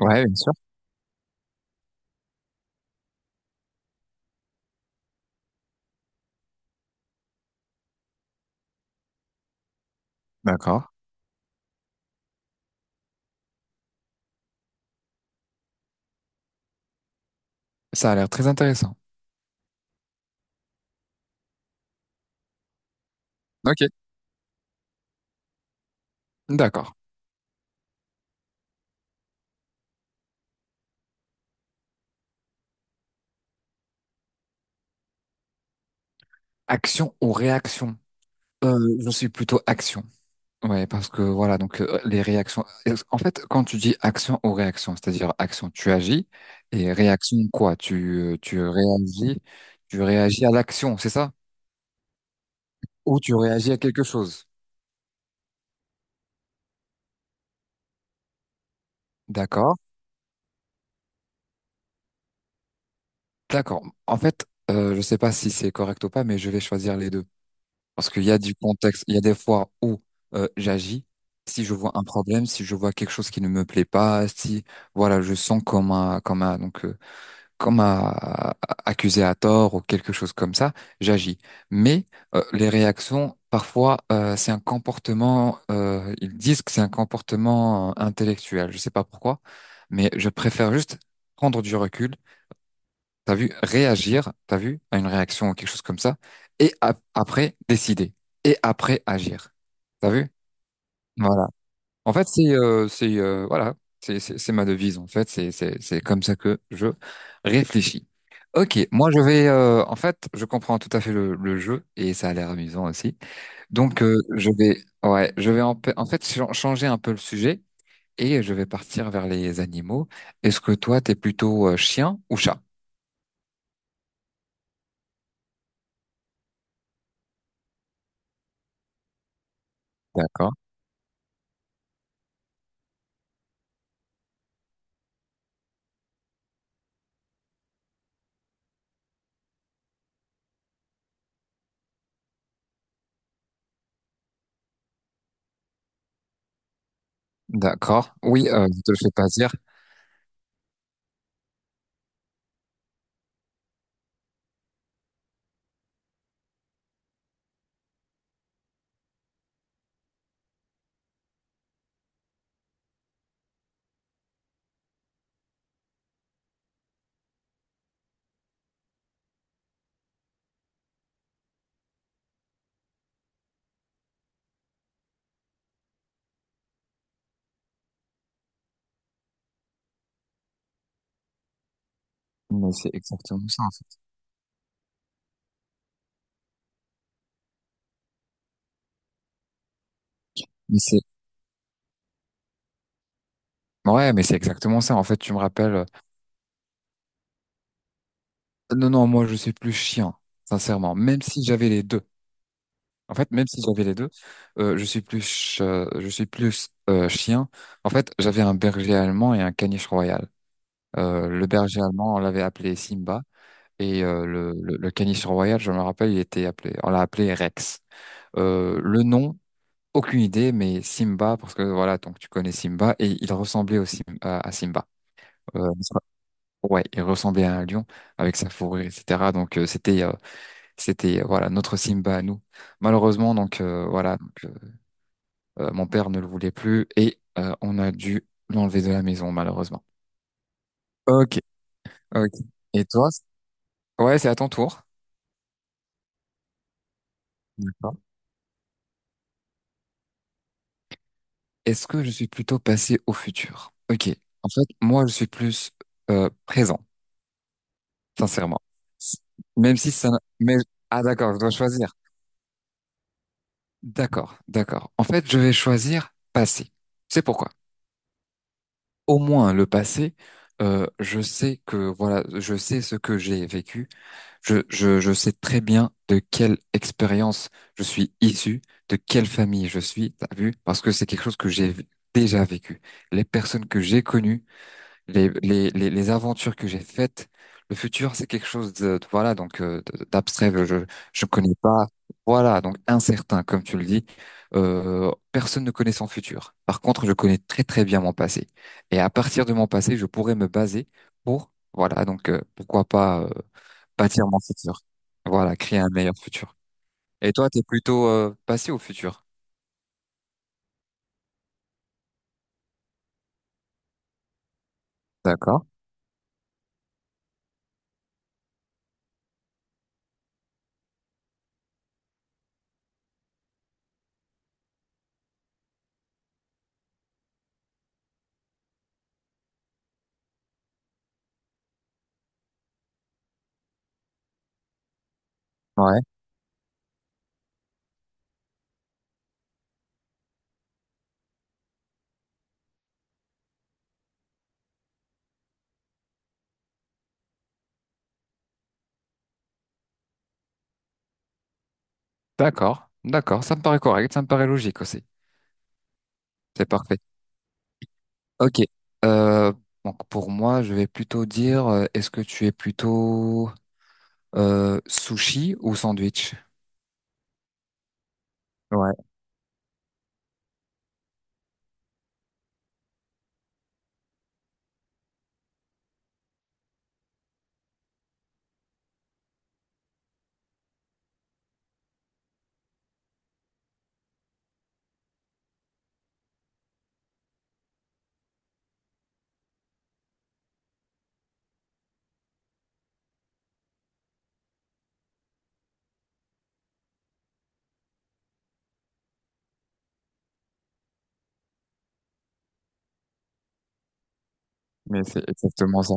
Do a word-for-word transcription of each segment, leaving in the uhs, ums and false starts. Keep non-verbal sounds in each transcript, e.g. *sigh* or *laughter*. Ouais, bien sûr. D'accord. Ça a l'air très intéressant. Ok, d'accord. Action ou réaction? Euh, je suis plutôt action. Ouais, parce que voilà, donc euh, les réactions. En fait, quand tu dis action ou réaction, c'est-à-dire action, tu agis et réaction quoi? Tu euh, tu réagis, tu réagis à l'action, c'est ça? Ou tu réagis à quelque chose. D'accord, d'accord. En fait, euh, je sais pas si c'est correct ou pas, mais je vais choisir les deux. Parce qu'il y a du contexte, il y a des fois où euh, j'agis, si je vois un problème, si je vois quelque chose qui ne me plaît pas, si voilà, je sens comme un, comme un, donc euh, comme un accusé à tort ou quelque chose comme ça, j'agis. Mais euh, les réactions, parfois, euh, c'est un comportement. Euh, ils disent que c'est un comportement euh, intellectuel. Je sais pas pourquoi, mais je préfère juste prendre du recul, t'as vu, réagir, t'as vu, à une réaction ou quelque chose comme ça, et ap- après, décider, et après, agir. T'as vu? Voilà. En fait, c'est, euh, c'est, euh, voilà, c'est, c'est c'est ma devise, en fait, c'est, c'est, c'est comme ça que je réfléchis. Ok, moi je vais, euh, en fait, je comprends tout à fait le, le jeu, et ça a l'air amusant aussi. Donc, euh, je vais, ouais, je vais en, pa- en fait chan- changer un peu le sujet, et je vais partir vers les animaux. Est-ce que toi, t'es plutôt euh, chien ou chat? D'accord. D'accord. Oui, euh, je te le fais pas dire, mais c'est exactement ça, en fait. Mais c'est, ouais, mais c'est exactement ça. En fait, tu me rappelles, euh, non, non, moi, je suis plus chien, sincèrement. Même si j'avais les deux. En fait, même si j'avais les deux, euh, je suis plus, ch- euh, je suis plus euh, chien. En fait, j'avais un berger allemand et un caniche royal. Euh, le berger allemand, on l'avait appelé Simba, et euh, le, le, le caniche royal, je me rappelle, il était appelé, on l'a appelé Rex. Euh, le nom, aucune idée, mais Simba, parce que voilà, donc tu connais Simba, et il ressemblait au Sim- à à Simba. Euh, ouais, il ressemblait à un lion avec sa fourrure, et cetera. Donc euh, c'était, euh, c'était euh, voilà notre Simba à nous. Malheureusement, donc euh, voilà, donc, euh, euh, mon père ne le voulait plus et euh, on a dû l'enlever de la maison, malheureusement. Ok, ok. Et toi? c- Ouais, c'est à ton tour. D'accord. Est-ce que je suis plutôt passé au futur? Ok. En fait, moi, je suis plus euh, présent. Sincèrement. Même si ça... n'a- Mais... Ah d'accord, je dois choisir. D'accord, d'accord. En fait, je vais choisir passé. C'est pourquoi. Au moins le passé, euh, je sais que voilà, je sais ce que j'ai vécu. Je, je, je sais très bien de quelle expérience je suis issu, de quelle famille je suis. T'as vu? Parce que c'est quelque chose que j'ai v- déjà vécu. Les personnes que j'ai connues, les, les, les, les aventures que j'ai faites. Le futur, c'est quelque chose de, de- voilà, donc euh, de- d'abstrait. Je je connais pas. Voilà, donc incertain, comme tu le dis. Euh, personne ne connaît son futur. Par contre, je connais très très bien mon passé. Et à partir de mon passé, je pourrais me baser pour, voilà, donc euh, pourquoi pas euh, bâtir mon futur. Voilà, créer un meilleur futur. Et toi, t'es plutôt euh, passé au futur? D'accord. Ouais. D'accord. D'accord. Ça me paraît correct. Ça me paraît logique aussi. C'est parfait. Ok. Euh, donc pour moi, je vais plutôt dire, euh, est-ce que tu es plutôt euh, sushi ou sandwich? Ouais, mais c'est exactement ça.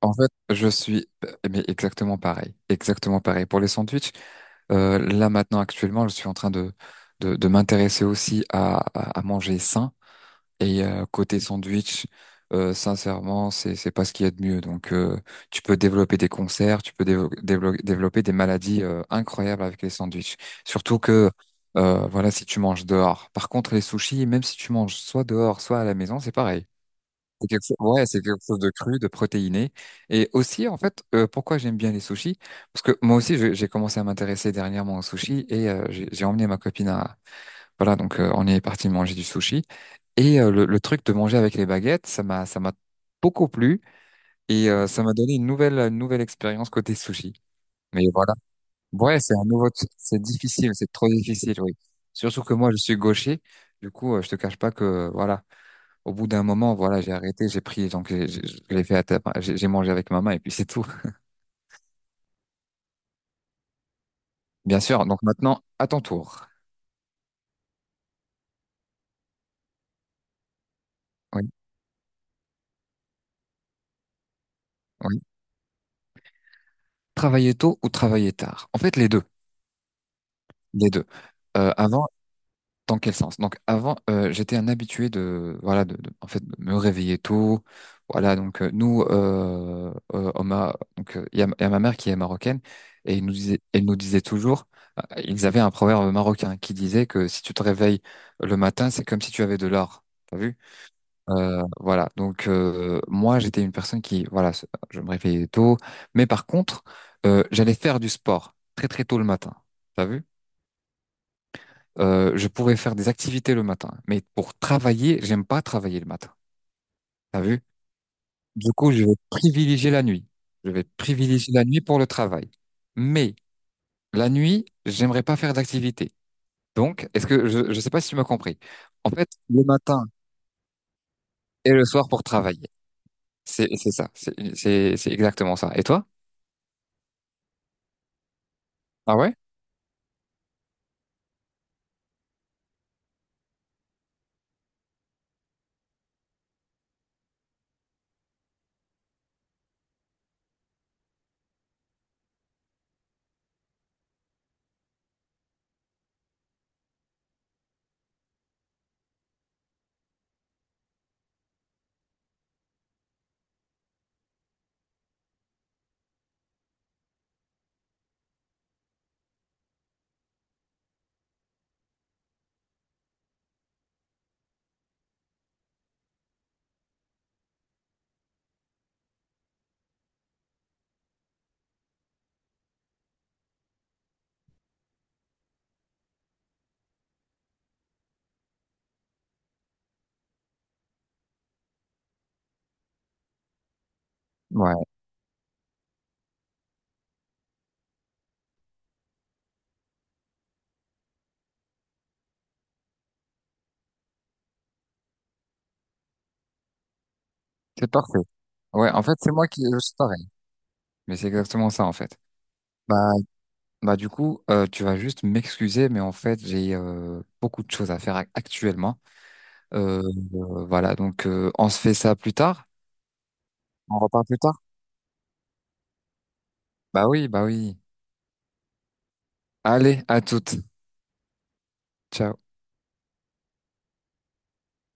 En fait, je suis mais exactement pareil, exactement pareil. Pour les sandwichs, euh, là maintenant actuellement, je suis en train de de, de m'intéresser aussi à, à, à manger sain. Et euh, côté sandwich, euh, sincèrement, c'est c'est pas ce qu'il y a de mieux. Donc, euh, tu peux développer des concerts, tu peux dévo- dévelop- développer des maladies euh, incroyables avec les sandwichs. Surtout que, euh, voilà, si tu manges dehors. Par contre, les sushis, même si tu manges soit dehors, soit à la maison, c'est pareil. C'est quelque chose, ouais, c'est quelque chose de cru, de protéiné. Et aussi, en fait, euh, pourquoi j'aime bien les sushis? Parce que moi aussi, je- j'ai commencé à m'intéresser dernièrement aux sushis et euh, j'ai j'ai emmené ma copine à, voilà, donc euh, on est parti manger du sushi. Et euh, le, le truc de manger avec les baguettes, ça m'a ça m'a beaucoup plu et euh, ça m'a donné une nouvelle une nouvelle expérience côté sushi. Mais voilà. Ouais, c'est un nouveau t- c'est difficile, c'est trop difficile, oui. Surtout que moi je suis gaucher. Du coup, euh, je te cache pas que euh, voilà, au bout d'un moment, voilà, j'ai arrêté, j'ai pris donc j'ai- j'ai- je l'ai fait à ta- j'ai j'ai mangé avec ma main et puis c'est tout. *laughs* Bien sûr. Donc maintenant, à ton tour. Oui, oui. Travailler tôt ou travailler tard? En fait, les deux, les deux. Euh, avant Dans quel sens? Donc avant, euh, j'étais un habitué de voilà de, de- en fait de me réveiller tôt. Voilà donc euh, nous euh, euh, on m'a- donc euh, il y a, il y a ma mère qui est marocaine et il nous disait elle nous disait toujours euh, ils avaient un proverbe marocain qui disait que si tu te réveilles le matin, c'est comme si tu avais de l'or. T'as vu? Euh, voilà donc euh, moi j'étais une personne qui voilà se- je me réveillais tôt, mais par contre euh, j'allais faire du sport très très tôt le matin. T'as vu? Euh, je pourrais faire des activités le matin, mais pour travailler, j'aime pas travailler le matin. T'as vu? Du coup, je vais privilégier la nuit. Je vais privilégier la nuit pour le travail. Mais la nuit, j'aimerais pas faire d'activité. Donc, est-ce que je, je sais pas si tu m'as compris. En fait, le matin et le soir pour travailler. C'est, c'est ça. C'est, c'est, c'est exactement ça. Et toi? Ah ouais? Ouais, c'est parfait. Ouais, en fait, c'est moi qui, je suis pareil. Mais c'est exactement ça, en fait. Bah, Bah du coup, euh, tu vas juste m'excuser, mais en fait, j'ai euh, beaucoup de choses à faire ac- actuellement. Euh, euh, voilà, donc euh, on se fait ça plus tard. On repart plus tard. Bah oui, bah oui. Allez, à toutes. Ciao.